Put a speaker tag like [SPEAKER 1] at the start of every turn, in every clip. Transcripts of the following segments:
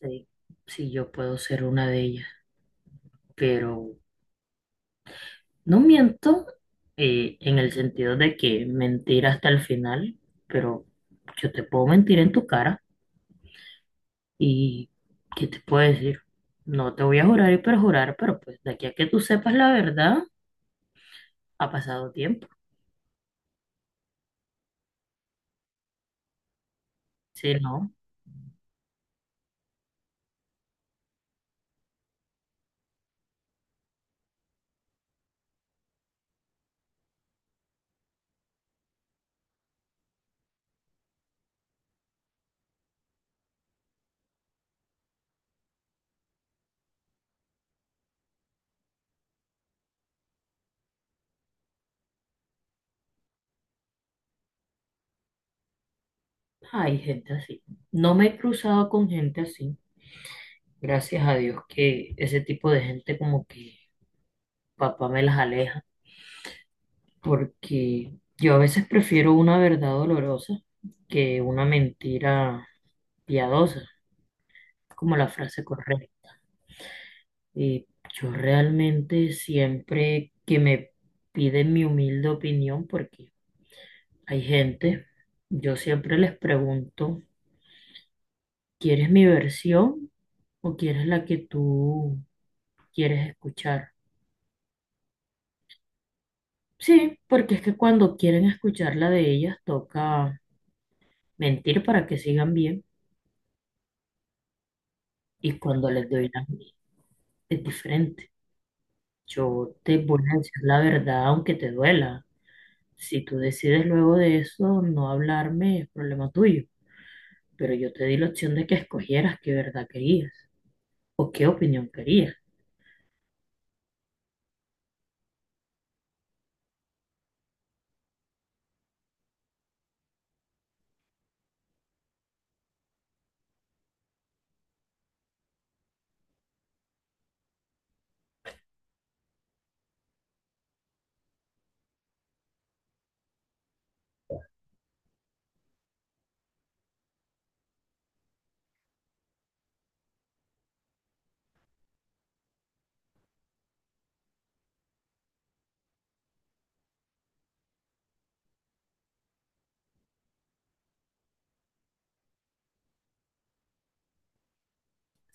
[SPEAKER 1] Sí, sí, yo puedo ser una de ellas, pero no miento en el sentido de que mentir hasta el final, pero yo te puedo mentir en tu cara y ¿qué te puedo decir? No te voy a jurar y perjurar, pero pues de aquí a que tú sepas la verdad, ha pasado tiempo. Si no, hay gente así. No me he cruzado con gente así. Gracias a Dios que ese tipo de gente como que papá me las aleja porque yo a veces prefiero una verdad dolorosa que una mentira piadosa, como la frase correcta. Y yo realmente siempre que me piden mi humilde opinión, porque hay gente, yo siempre les pregunto, ¿quieres mi versión o quieres la que tú quieres escuchar? Sí, porque es que cuando quieren escuchar la de ellas, toca mentir para que sigan bien y cuando les doy la mía, es diferente. Yo te voy a decir la verdad aunque te duela. Si tú decides luego de eso no hablarme, es problema tuyo. Pero yo te di la opción de que escogieras qué verdad querías o qué opinión querías.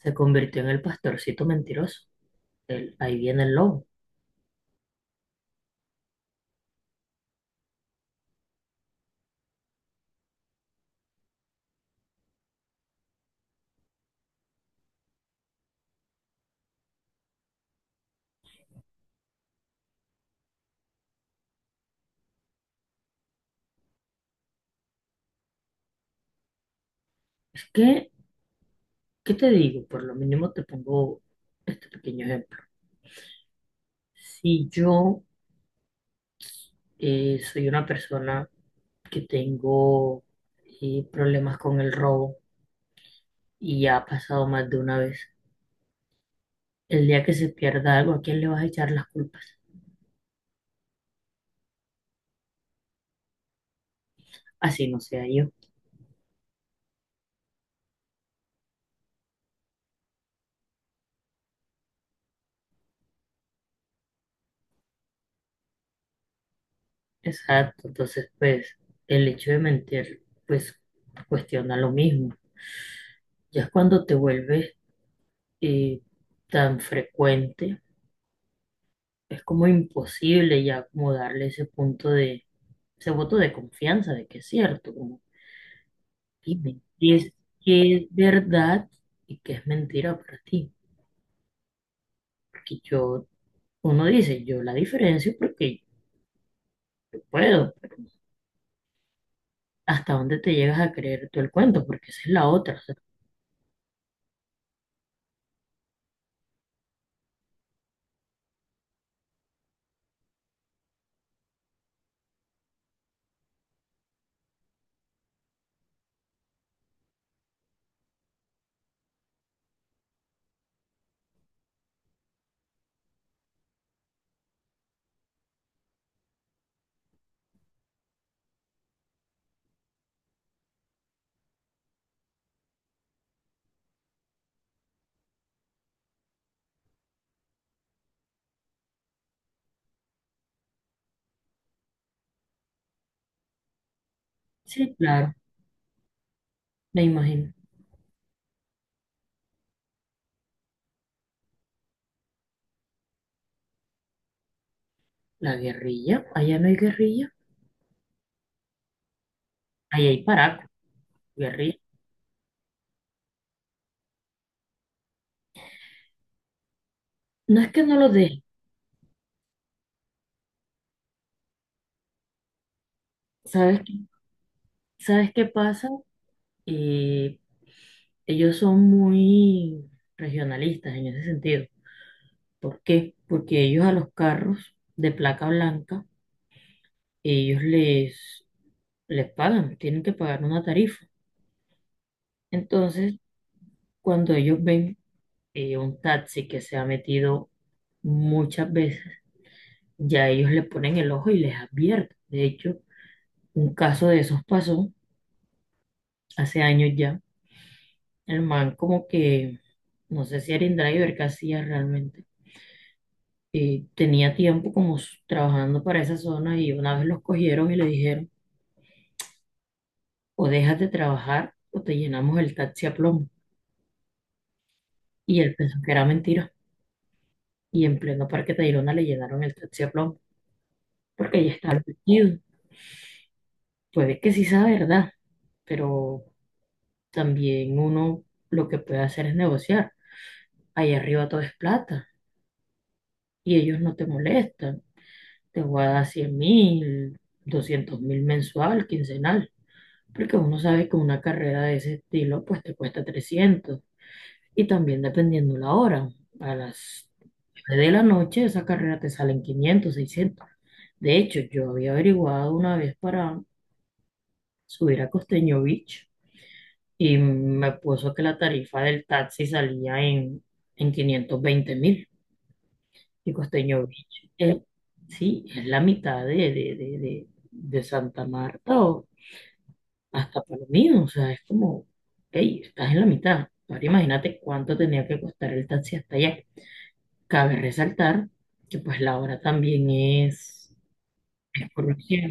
[SPEAKER 1] Se convirtió en el pastorcito mentiroso. Ahí viene el lobo. Es que, ¿qué te digo? Por lo mínimo te pongo este pequeño ejemplo. Si yo soy una persona que tengo problemas con el robo y ya ha pasado más de una vez. El día que se pierda algo, ¿a quién le vas a echar las culpas? Así no sea yo. Exacto, entonces pues el hecho de mentir pues cuestiona lo mismo. Ya es cuando te vuelves eh, tan frecuente, es como imposible ya como darle ese punto de, ese voto de confianza de que es cierto, como dime, ¿qué es verdad y qué es mentira para ti? Porque yo, uno dice, yo la diferencio porque yo puedo hasta dónde te llegas a creer tú el cuento, porque esa es la otra. O sea, sí, claro, me imagino. La guerrilla, allá no hay guerrilla, allá hay paraco, guerrilla. No es que no lo dejen, ¿sabes, qué- ¿Sabes qué pasa? Eh, Ellos son muy regionalistas en ese sentido. ¿Por qué? Porque ellos a los carros de placa blanca, ellos les pagan, tienen que pagar una tarifa. Entonces, cuando ellos ven un taxi que se ha metido muchas veces, ya ellos le ponen el ojo y les advierten. De hecho, un caso de esos pasó hace años ya. El man como que, no sé si era InDriver, qué hacía realmente. Tenía tiempo como trabajando para esa zona y una vez los cogieron y le dijeron, o dejas de trabajar o te llenamos el taxi a plomo. Y él pensó que era mentira. Y en pleno Parque Tayrona le llenaron el taxi a plomo porque ya estaba metido. Puede que sí sea verdad, pero también uno lo que puede hacer es negociar. Ahí arriba todo es plata y ellos no te molestan. Te voy a dar 100 mil, 200.000 mensual, quincenal, porque uno sabe que una carrera de ese estilo pues te cuesta 300 y también dependiendo la hora. A las 9 de la noche esa carrera te salen 500 600. De hecho, yo había averiguado una vez para subir a Costeño Beach y me puso que la tarifa del taxi salía en, 520.000. Y Costeño Beach. Sí, es la mitad de Santa Marta o hasta Palomino, o sea, es como, hey, estás en la mitad. Ahora imagínate cuánto tenía que costar el taxi hasta allá. Cabe resaltar que pues la hora también es por conocida.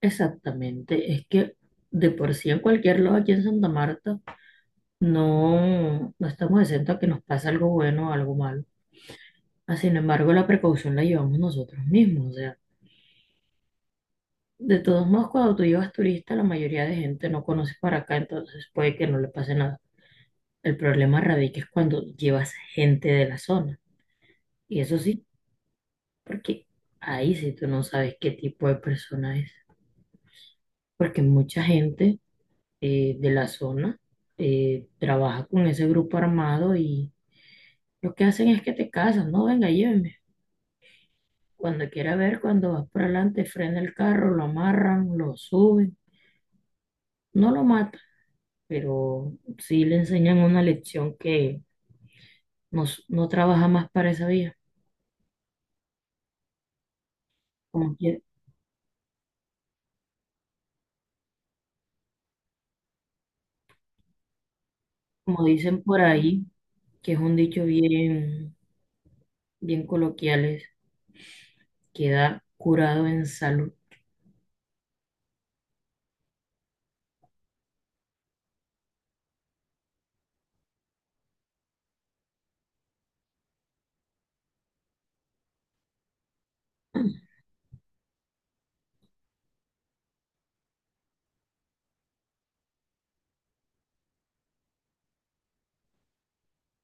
[SPEAKER 1] Exactamente, es que de por sí en cualquier lado aquí en Santa Marta no, no estamos exentos a que nos pase algo bueno o algo malo. Ah, sin embargo, la precaución la llevamos nosotros mismos, o sea, de todos modos, cuando tú llevas turista, la mayoría de gente no conoce para acá, entonces puede que no le pase nada. El problema radica es cuando llevas gente de la zona. Y eso sí, porque ahí sí tú no sabes qué tipo de persona es. Porque mucha gente de la zona trabaja con ese grupo armado y lo que hacen es que te casan, no, venga, llévenme. Cuando quiera ver, cuando vas por adelante, frena el carro, lo amarran, lo suben, no lo matan pero sí le enseñan una lección que nos no trabaja más para esa vía. Como, que- Como dicen por ahí, que es un dicho bien, bien coloquial, es queda curado en salud.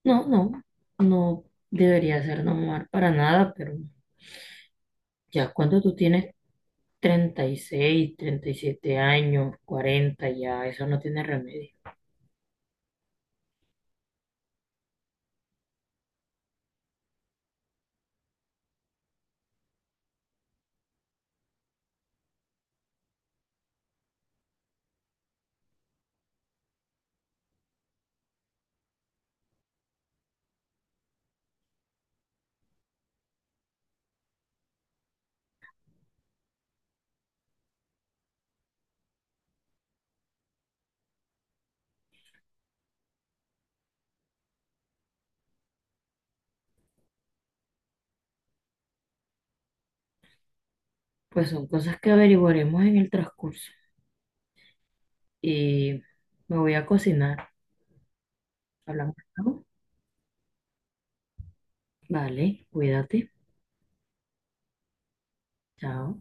[SPEAKER 1] No, no, no debería ser normal para nada, pero ya cuando tú tienes 30 36 37 años, 40 ya eso no tiene remedio. Pues son cosas que averiguaremos en el transcurso. Y me voy a cocinar. Hablamos, ¿no? Vale, cuídate. Chao.